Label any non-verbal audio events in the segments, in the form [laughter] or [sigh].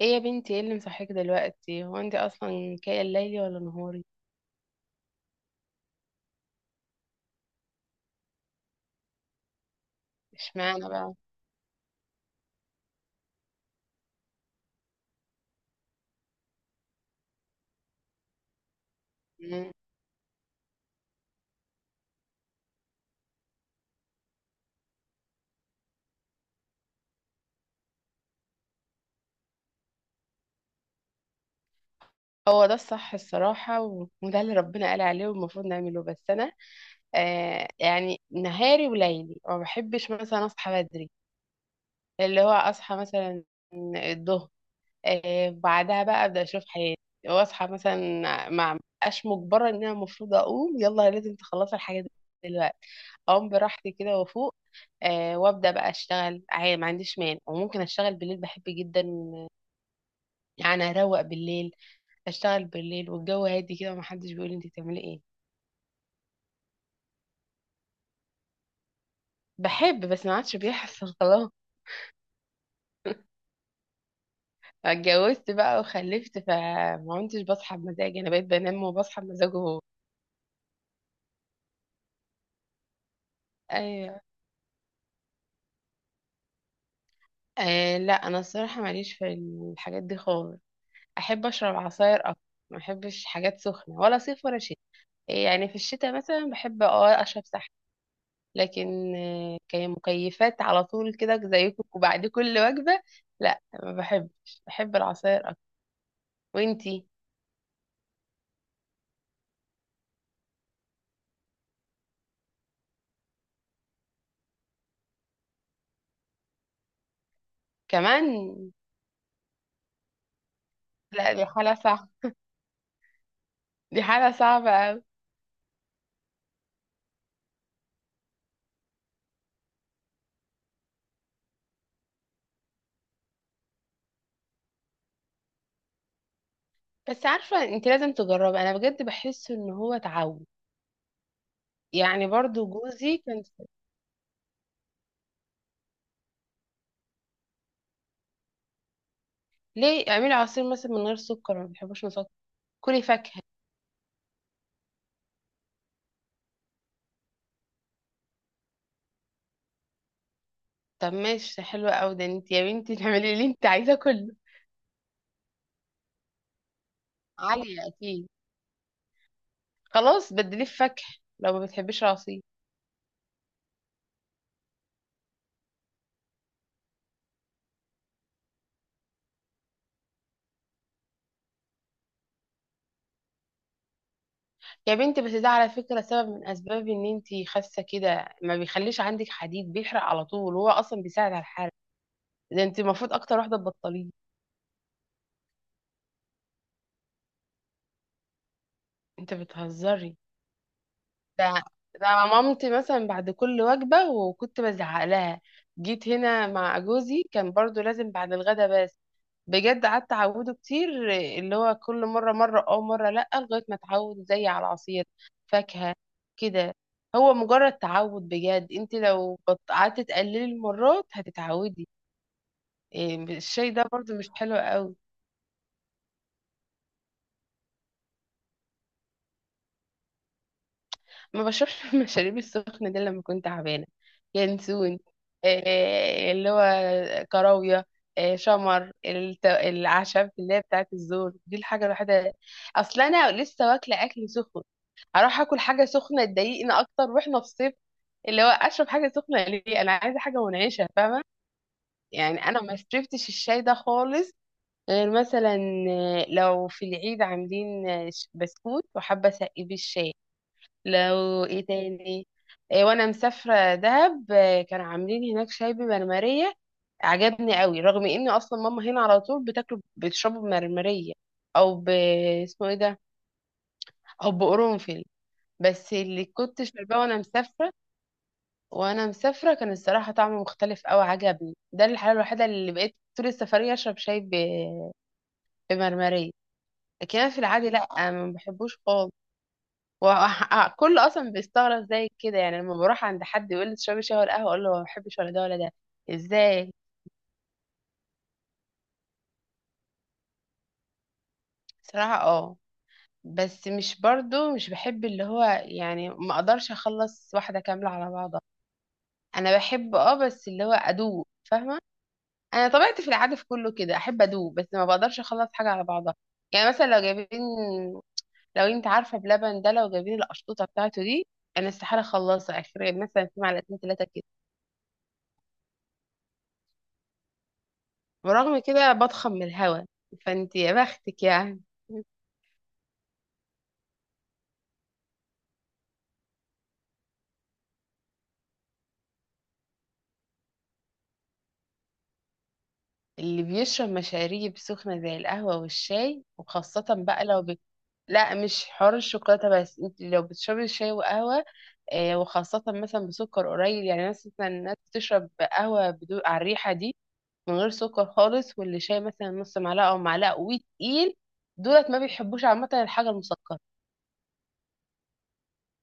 ايه يا بنتي، ايه اللي مصحيك دلوقتي؟ هو انت اصلا كاية ليلي ولا نهاري؟ اشمعنى بقى؟ مم. هو ده الصح الصراحة وده اللي ربنا قال عليه والمفروض نعمله. بس انا يعني نهاري وليلي، ما بحبش مثلا اصحى بدري. اللي هو اصحى مثلا الظهر، بعدها بقى ابدا اشوف حياتي. واصحى مثلا ما ابقاش مجبره ان انا المفروض اقوم يلا لازم تخلصي الحاجه دلوقتي. اقوم براحتي كده وافوق. وابدا بقى اشتغل عادي، ما عنديش مانع. وممكن اشتغل بالليل، بحب جدا يعني اروق بالليل، اشتغل بالليل والجو هادي كده ومحدش بيقول لي انت بتعملي ايه. بحب، بس ما عادش بيحصل [laughs] خلاص، اتجوزت بقى وخلفت فما عدتش بصحى بمزاجي. انا بقيت بنام وبصحى بمزاجه هو. ايوه. لا انا الصراحه ماليش في الحاجات دي خالص. احب اشرب عصاير اكتر. ما احبش حاجات سخنه، ولا صيف ولا شتاء. يعني في الشتاء مثلا بحب اشرب سحر. لكن كمكيفات على طول كده زيكم وبعد كل وجبه، لا ما بحبش. بحب العصاير اكتر. وانتي؟ كمان. لا دي حاله صعبه. دي حاله صعبه قوي. بس عارفه، انت لازم تجربي. انا بجد بحس ان هو تعود. يعني برضو جوزي كان. ليه؟ اعملي عصير مثلا من غير سكر. ما بيحبوش؟ كلي فاكهة. طب ماشي، حلوة أوي. ده انت يا بنتي [laughs] تعملي اللي انت عايزاه كله. عالية أكيد. خلاص بدليه في فاكهة لو ما بتحبيش العصير. يا بنتي بس ده على فكرة سبب من أسباب إن انت خاسة كده. ما بيخليش عندك حديد، بيحرق على طول، وهو أصلا بيساعد على الحرق. ده انت المفروض أكتر واحدة تبطليه. انت بتهزري! ده ده مامتي مثلا بعد كل وجبة، وكنت بزعق لها. جيت هنا مع جوزي كان برضو لازم بعد الغدا بس. بجد قعدت اعوده كتير. اللي هو كل مره مره مره لا، لغايه ما اتعود زي على العصير، فاكهه كده. هو مجرد تعود. بجد انت لو قعدت تقللي المرات هتتعودي. إيه، الشاي ده برضو مش حلو قوي. ما بشربش [laughs] المشاريب السخنه دي. لما كنت تعبانه، ينسون، إيه، اللي هو كراويه، إيه، شمر، الأعشاب اللي هي بتاعت الزور دي، الحاجة الوحيدة. أصل أنا لسه واكلة أكل سخن، اروح اكل حاجه سخنه تضايقني اكتر، واحنا في الصيف. اللي هو اشرب حاجه سخنه ليه؟ انا عايزه حاجه منعشه، فاهمه. يعني انا ما شربتش الشاي ده خالص، غير مثلا لو في العيد عاملين بسكوت وحابه اسقي بيه الشاي. لو ايه تاني، إيه، وانا مسافره دهب كانوا عاملين هناك شاي بمرمريه. عجبني قوي رغم ان اصلا ماما هنا على طول بتاكله بتشربه بمرمريه. او ب، اسمه ايه ده، او بقرنفل. بس اللي كنت شرباه وانا مسافره، وانا مسافره كان الصراحه طعمه مختلف قوي. عجبني، ده الحاله الوحيده اللي بقيت طول السفريه اشرب شاي بمرمريه. لكن انا في العادي لا، ما بحبوش خالص. وكل [laughs] اصلا بيستغرب زي كده، يعني لما بروح عند حد يقول لي تشربي شاي ولا قهوه، اقول له ما بحبش ولا ده ولا ده. ازاي؟ صراحه اه، بس مش برضو مش بحب اللي هو يعني ما اقدرش اخلص واحده كامله على بعضها. انا بحب بس اللي هو ادوق، فاهمه. انا طبيعتي في العاده في كله كده احب ادوق، بس ما بقدرش اخلص حاجه على بعضها. يعني مثلا لو جايبين، لو انت عارفه بلبن ده، لو جايبين القشطوطه بتاعته دي، انا استحاله اخلصها، اخر مثلا في معلقتين ثلاثه كده. ورغم كده بضخم من الهوا. فانت يا بختك يعني. اللي بيشرب مشاريب سخنه زي القهوه والشاي وخاصه بقى لو بت... لا مش حوار الشوكولاته، بس انت لو بتشربي شاي وقهوه وخاصه مثلا بسكر قليل. يعني مثلا الناس بتشرب قهوه بدون، على الريحه دي، من غير سكر خالص. واللي شاي مثلا نص معلقه او معلقه وتقيل، دولت ما بيحبوش عامه الحاجه المسكره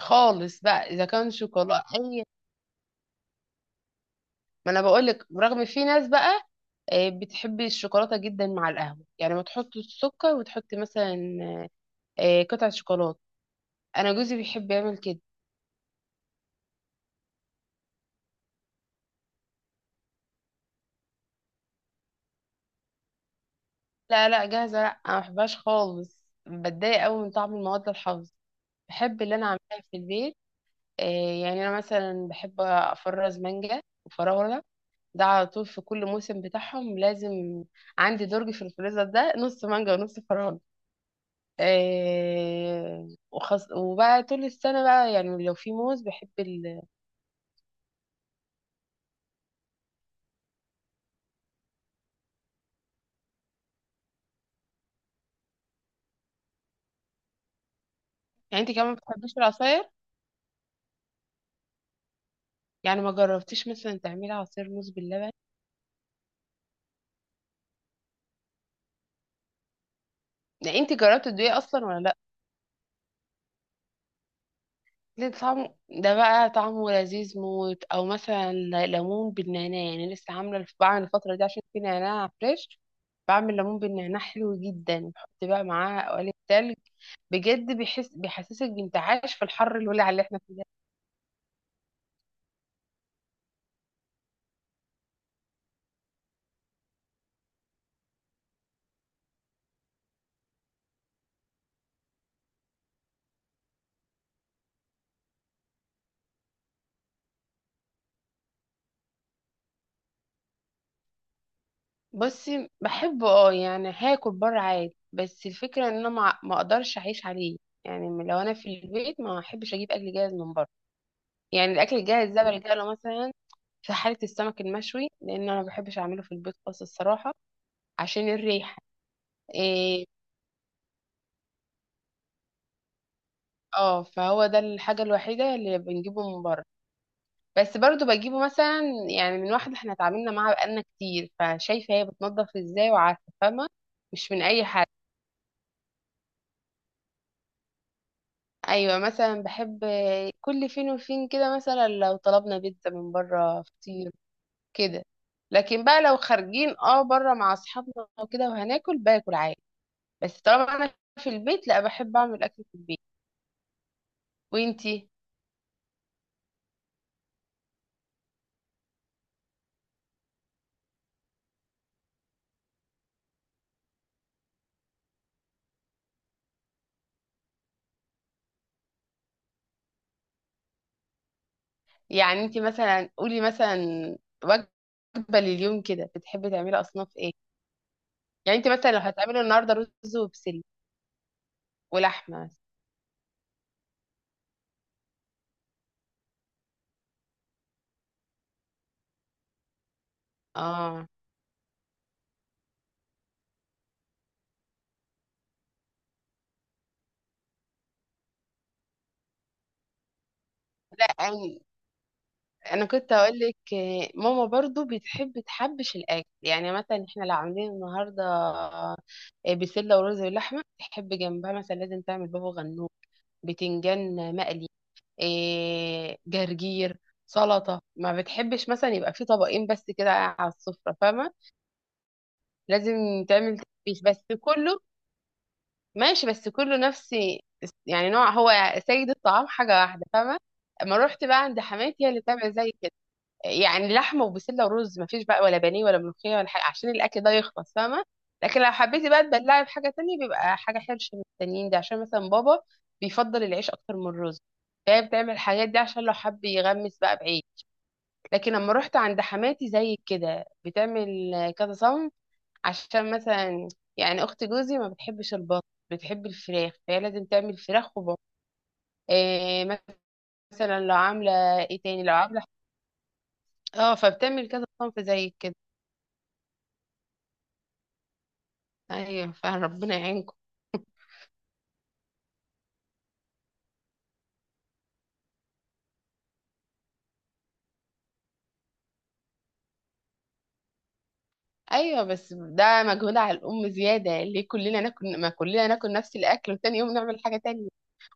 خالص، بقى اذا كان شوكولاته اي. ما انا بقول لك، برغم في ناس بقى بتحب الشوكولاته جدا مع القهوه، يعني ما تحط السكر وتحط مثلا قطعه شوكولاته. انا جوزي بيحب يعمل كده. لا، لا جاهزه، لا انا ما بحبهاش خالص. بتضايق قوي من طعم المواد الحافظه. بحب اللي انا عاملاها في البيت. يعني انا مثلا بحب افرز مانجا وفراوله. ده على طول في كل موسم بتاعهم لازم. عندي درج في الفريزر، ده نص مانجا ونص فراولة. وبقى طول السنة بقى، يعني لو في موز بحب ال... يعني انت كمان بتحبيش العصاير؟ يعني ما جربتيش مثلا تعملي عصير موز باللبن؟ يعني انت جربتي الدقيق اصلا ولا لا؟ ليه؟ طعمه ده بقى طعمه لذيذ موت. او مثلا ليمون بالنعناع، يعني لسه عامله بعمل الفتره دي عشان في نعناع فريش. بعمل ليمون بالنعناع حلو جدا، بحط بقى معاه قوالب تلج. بجد بيحسسك بانتعاش في الحر الولع اللي احنا فيه ده. بصي بحبه اه، يعني هاكل بره عادي. بس الفكره ان انا ما اقدرش اعيش عليه. يعني لو انا في البيت ما احبش اجيب اكل جاهز من بره. يعني الاكل الجاهز ده بلجأ له مثلا في حالة السمك المشوي، لأن أنا ما بحبش أعمله في البيت خالص الصراحة، عشان الريحة. إيه، اه. فهو ده الحاجة الوحيدة اللي بنجيبه من بره. بس برضو بجيبه مثلا، يعني من واحدة احنا اتعاملنا معاها بقالنا كتير، فشايفة هي بتنضف ازاي، وعارفة فاهمة. مش من أي حد. أيوة، مثلا بحب كل فين وفين كده، مثلا لو طلبنا بيتزا من بره، فطير كده. لكن بقى لو خارجين اه بره مع أصحابنا وكده وهناكل، باكل عادي. بس طالما أنا في البيت، لا، بحب أعمل أكل في البيت. وانتي؟ يعني انتي مثلا قولي مثلا، وجبة لليوم كده بتحبي تعملي أصناف ايه؟ يعني انتي مثلا لو هتعملي النهاردة رز وبسلة ولحمة مثلا. اه، لا أنا، أنا كنت أقول لك. ماما برضو بتحب تحبش الأكل. يعني مثلا احنا لو عاملين النهاردة بسلة ورز ولحمة، تحب جنبها مثلا لازم تعمل بابا غنوج، بتنجان مقلي، جرجير، سلطة. ما بتحبش مثلا يبقى في طبقين بس كده على السفرة، فاهمة. لازم تعمل تفتيش، بس كله ماشي، بس كله نفس يعني نوع. هو سيد الطعام حاجة واحدة، فاهمة. اما رحت بقى عند حماتي هي اللي بتعمل زي كده. يعني لحمة وبسلة ورز، مفيش بقى ولا بانيه ولا ملوخية ولا حاجة، عشان الأكل ده يخلص، فاهمة. لكن لو حبيتي بقى تبلعي بحاجة تانية بيبقى حاجة حرش من التانيين ده، عشان مثلا بابا بيفضل العيش أكتر من الرز، فهي بتعمل الحاجات دي عشان لو حب يغمس بقى بعيد. لكن لما رحت عند حماتي زي كده بتعمل كذا صنف، عشان مثلا يعني اخت جوزي ما بتحبش البط، بتحب الفراخ، فهي لازم تعمل فراخ وبط، إيه. مثلا لو عامله ايه تاني، لو عامله اه، فبتعمل كذا صنف زي كده. ايوه، فربنا يعينكم. ايوه بس ده مجهود على الام زياده. ليه كلنا ناكل، ما كلنا ناكل نفس الاكل وتاني يوم نعمل حاجه تانية.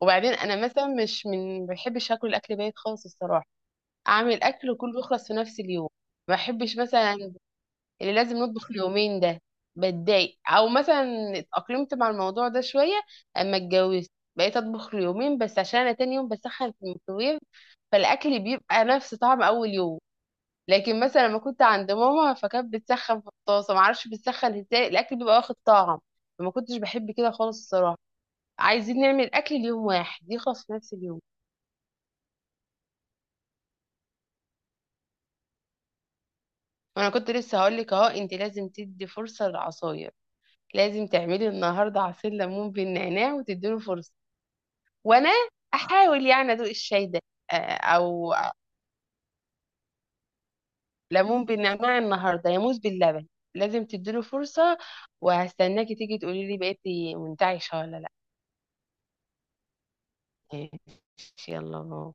وبعدين انا مثلا مش من، ما بحبش اكل الاكل بايت خالص الصراحه. اعمل اكل وكله يخلص في نفس اليوم. ما بحبش مثلا اللي لازم نطبخ اليومين ده، بتضايق. او مثلا اتأقلمت مع الموضوع ده شوية اما اتجوزت، بقيت اطبخ اليومين بس عشان انا تاني يوم بسخن في الميكروويف، فالاكل بيبقى نفس طعم اول يوم. لكن مثلا لما كنت عند ماما فكانت بتسخن في الطاسة، معرفش بتسخن ازاي، الاكل بيبقى واخد طعم، فما كنتش بحب كده خالص الصراحة. عايزين نعمل اكل ليوم واحد يخلص في نفس اليوم. وانا كنت لسه هقولك، اهو انت لازم تدي فرصة للعصاير. لازم تعملي النهارده عصير ليمون بالنعناع وتديله فرصة. وانا احاول يعني ادوق الشاي ده او ليمون بالنعناع النهارده يا موز باللبن. لازم تديله فرصه. وهستناكي تيجي تقولي لي بقيتي منتعشه ولا لا. ماشي، يلا باي.